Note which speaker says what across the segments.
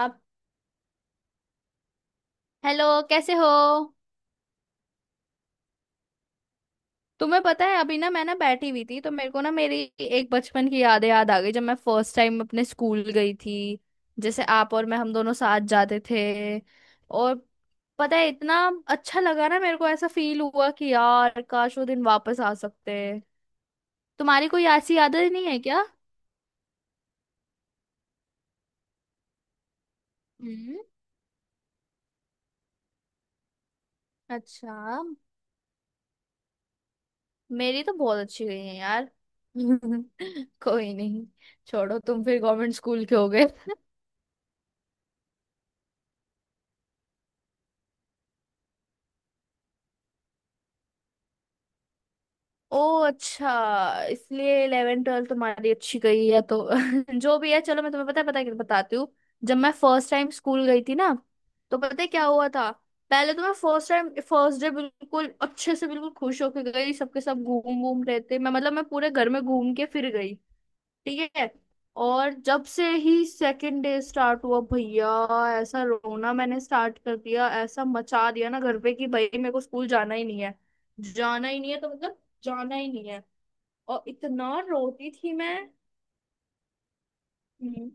Speaker 1: आप। हेलो, कैसे हो? तुम्हें पता है अभी ना मैं ना बैठी हुई थी तो मेरे को ना मेरी एक बचपन की यादें याद आ गई जब मैं फर्स्ट टाइम अपने स्कूल गई थी। जैसे आप और मैं हम दोनों साथ जाते थे। और पता है इतना अच्छा लगा ना, मेरे को ऐसा फील हुआ कि यार काश वो दिन वापस आ सकते। तुम्हारी कोई ऐसी यादें नहीं है क्या? हम्म। अच्छा। मेरी तो बहुत अच्छी गई है यार कोई नहीं, छोड़ो, तुम फिर गवर्नमेंट स्कूल के हो गए ओ, अच्छा। इसलिए इलेवन ट्वेल्थ तुम्हारी अच्छी गई है तो जो भी है, चलो मैं तुम्हें पता है क्या बताती हूँ। जब मैं फर्स्ट टाइम स्कूल गई थी ना, तो पता है क्या हुआ था? पहले तो मैं फर्स्ट टाइम फर्स्ट डे बिल्कुल अच्छे से बिल्कुल खुश होके गई, सबके सब घूम घूम रहे थे, मैं मतलब मैं पूरे घर में घूम के फिर गई। ठीक है। और जब से ही सेकंड डे स्टार्ट हुआ भैया, ऐसा रोना मैंने स्टार्ट कर दिया, ऐसा मचा दिया ना घर पे कि भाई मेरे को स्कूल जाना ही नहीं है। जाना ही नहीं है तो मतलब जाना ही नहीं है। और इतना रोती थी मैं। हम्म,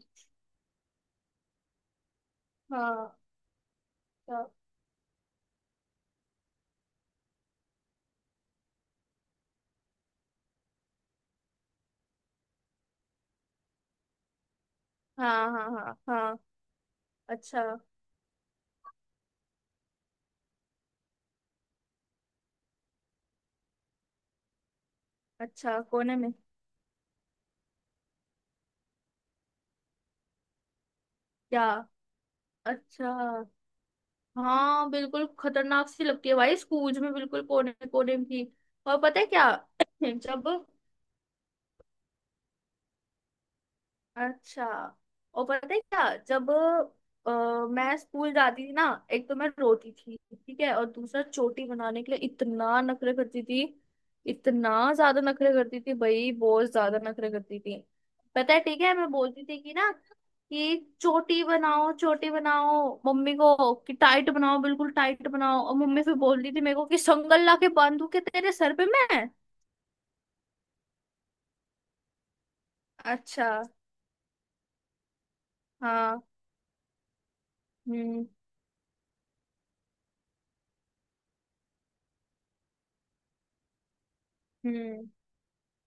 Speaker 1: हाँ। हाँ हाँ हाँ हाँ हाँ, अच्छा। अच्छा, कोने में? क्या? अच्छा। हाँ बिल्कुल खतरनाक सी लगती है भाई, स्कूल में बिल्कुल कोने कोने की। और पता है क्या, जब, अच्छा और पता है क्या जब अ, मैं स्कूल जाती थी ना, एक तो मैं रोती थी, ठीक है, और दूसरा चोटी बनाने के लिए इतना नखरे करती थी, इतना ज्यादा नखरे करती थी भाई, बहुत ज्यादा नखरे करती थी। पता है ठीक है, मैं बोलती थी कि ना कि चोटी बनाओ मम्मी को कि टाइट बनाओ बिल्कुल टाइट बनाओ, और मम्मी फिर बोलती थी मेरे को कि संगल ला के बांधू के तेरे सर पे मैं। अच्छा। हाँ। हम्म। हम्म,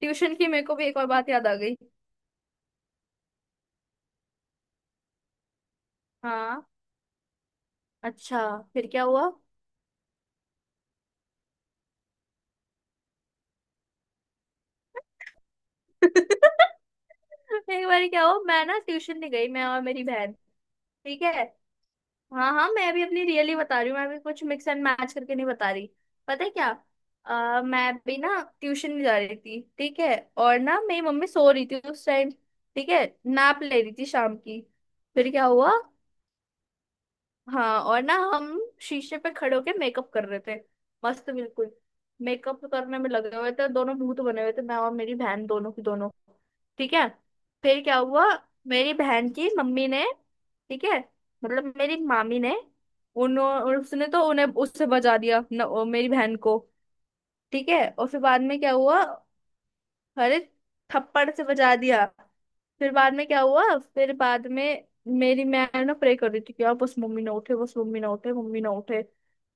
Speaker 1: ट्यूशन की मेरे को भी एक और बात याद आ गई। हाँ, अच्छा, फिर क्या हुआ? एक बार क्या हो, मैं ना ट्यूशन नहीं गई, मैं और मेरी बहन। ठीक है। हाँ हाँ, मैं भी अपनी रियली बता रही हूँ, मैं भी कुछ मिक्स एंड मैच करके नहीं बता रही। पता है क्या, मैं भी ना ट्यूशन नहीं जा रही थी, ठीक है, और ना मेरी मम्मी सो रही थी उस टाइम, ठीक है, नैप ले रही थी शाम की। फिर क्या हुआ, हाँ, और ना हम शीशे पे खड़े होके मेकअप कर रहे थे, मस्त बिल्कुल, मेकअप करने में लगे हुए थे, दोनों भूत बने हुए थे मैं और मेरी बहन, दोनों की दोनों। ठीक है। फिर क्या हुआ, मेरी बहन की मम्मी ने, ठीक है मतलब मेरी मामी ने, उन्होंने उसने तो उन्हें उससे बचा दिया न, ओ, मेरी बहन को। ठीक है, और फिर बाद में क्या हुआ, अरे थप्पड़ से बजा दिया। फिर बाद में क्या हुआ, फिर बाद में मेरी मैं ना प्रे कर रही थी कि आप बस मम्मी ना उठे, बस मम्मी ना उठे, मम्मी ना उठे।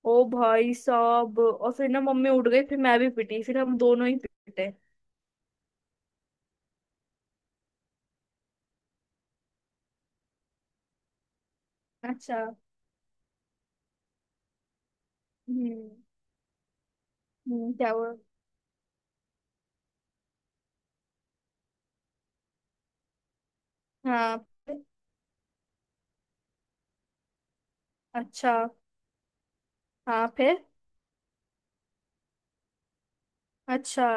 Speaker 1: ओ भाई साहब, और फिर ना मम्मी उठ गई, फिर मैं भी पिटी, फिर हम दोनों ही पिटे। अच्छा। हम्म। क्या हुआ? हाँ, फिर? अच्छा। हाँ फिर। अच्छा।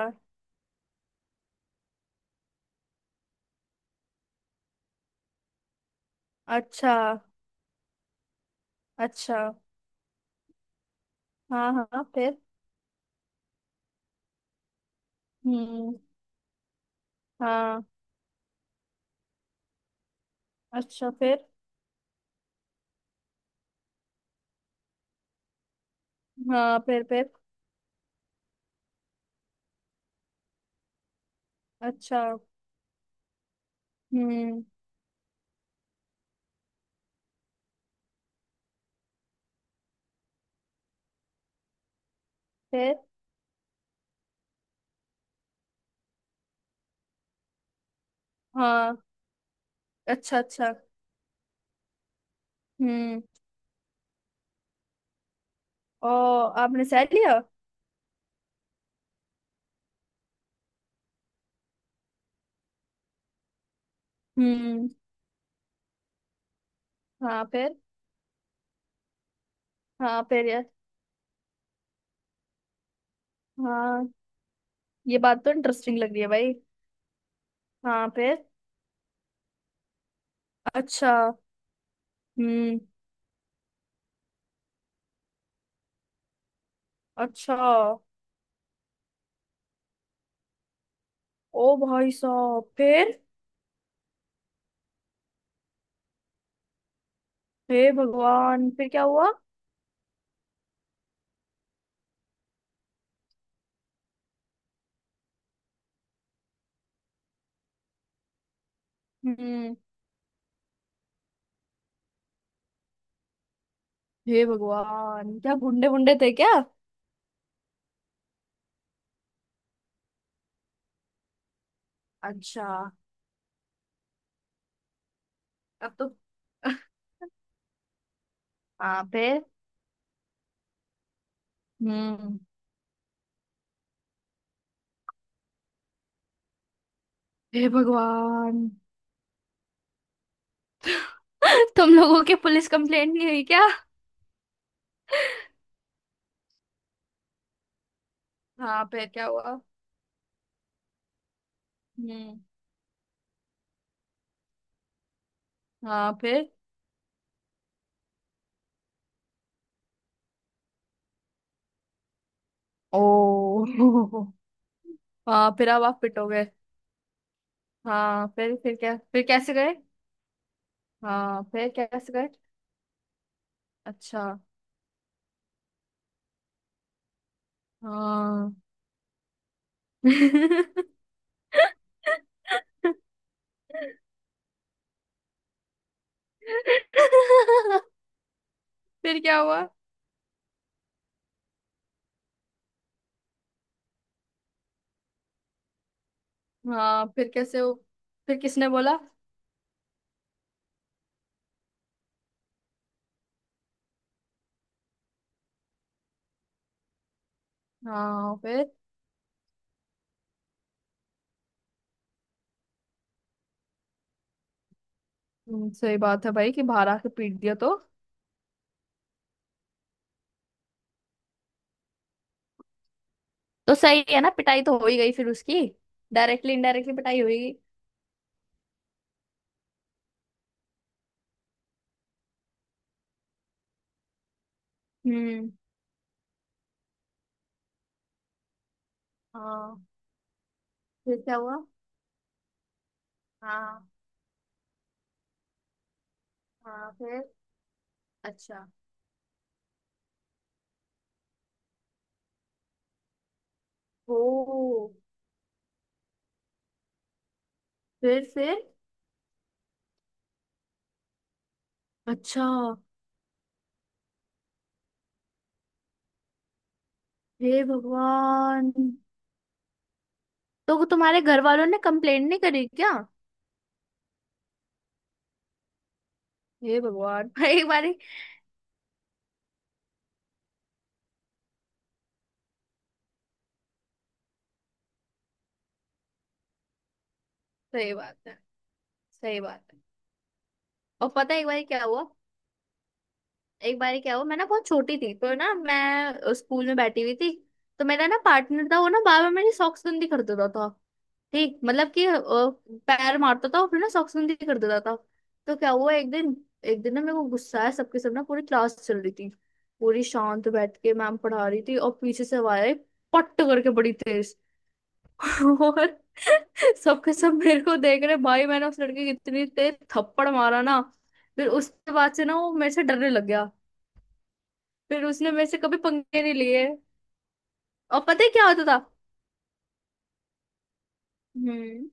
Speaker 1: अच्छा। अच्छा। हाँ। हाँ फिर। हम्म। हाँ। अच्छा फिर। हाँ फिर फिर। अच्छा। हम्म। फिर। हाँ। अच्छा। अच्छा। हम्म। ओ, आपने सह लिया? हम्म। हाँ, फिर। हाँ, फिर यार। हाँ, ये बात तो इंटरेस्टिंग लग रही है भाई। हाँ फिर। अच्छा। हम्म। अच्छा। ओ भाई साहब, फिर? हे भगवान, फिर क्या हुआ? हम्म। हे भगवान, क्या गुंडे गुंडे थे क्या? अच्छा। अब तो हाँ फिर। हम्म। हे भगवान। तुम लोगों की पुलिस कंप्लेंट नहीं हुई क्या? हाँ, फिर क्या हुआ? हम्म। हाँ फिर। ओ हाँ फिर, अब आप फिट हो गए? हाँ फिर क्या, फिर कैसे गए? हाँ फिर कैसे गए? अच्छा। हाँ। फिर क्या हुआ? हाँ फिर कैसे हो, फिर किसने बोला? हाँ फिर। सही बात है भाई कि बाहर आके पीट दिया तो। तो सही है ना, पिटाई तो हो ही गई फिर उसकी, डायरेक्टली इनडायरेक्टली पिटाई होगी। हम्म। हाँ, फिर क्या हुआ? हाँ। हाँ फिर। अच्छा। ओ। फिर। फिर। अच्छा। हे भगवान, तो तुम्हारे घर वालों ने कंप्लेंट नहीं करी क्या? हे भगवान, एक बारी। सही बात है। सही बात है। और पता है एक बारी क्या हुआ, एक बार क्या हुआ, मैं ना बहुत छोटी थी, तो ना मैं स्कूल में बैठी हुई थी, तो मेरा ना पार्टनर था, वो ना बार बार मेरी सॉक्स गंदी कर देता था। ठीक मतलब कि पैर मारता था और फिर ना सॉक्स गंदी कर देता था। तो क्या हुआ एक दिन, एक दिन ना मेरे को गुस्सा आया, सबके सब ना पूरी क्लास चल रही थी, पूरी शांत बैठ के मैम पढ़ा रही थी, और पीछे से आवाज आई पट्ट करके बड़ी तेज और सबके सब मेरे को देख रहे भाई, मैंने उस लड़के की इतनी तेज थप्पड़ मारा ना, फिर उसके बाद से ना वो मेरे से डरने लग गया, फिर उसने मेरे से कभी पंखे नहीं लिए। और पता है क्या होता था? हम्म।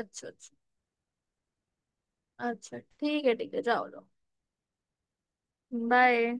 Speaker 1: अच्छा, अच्छा। अच्छा, ठीक है, ठीक है, जाओ लो। बाय।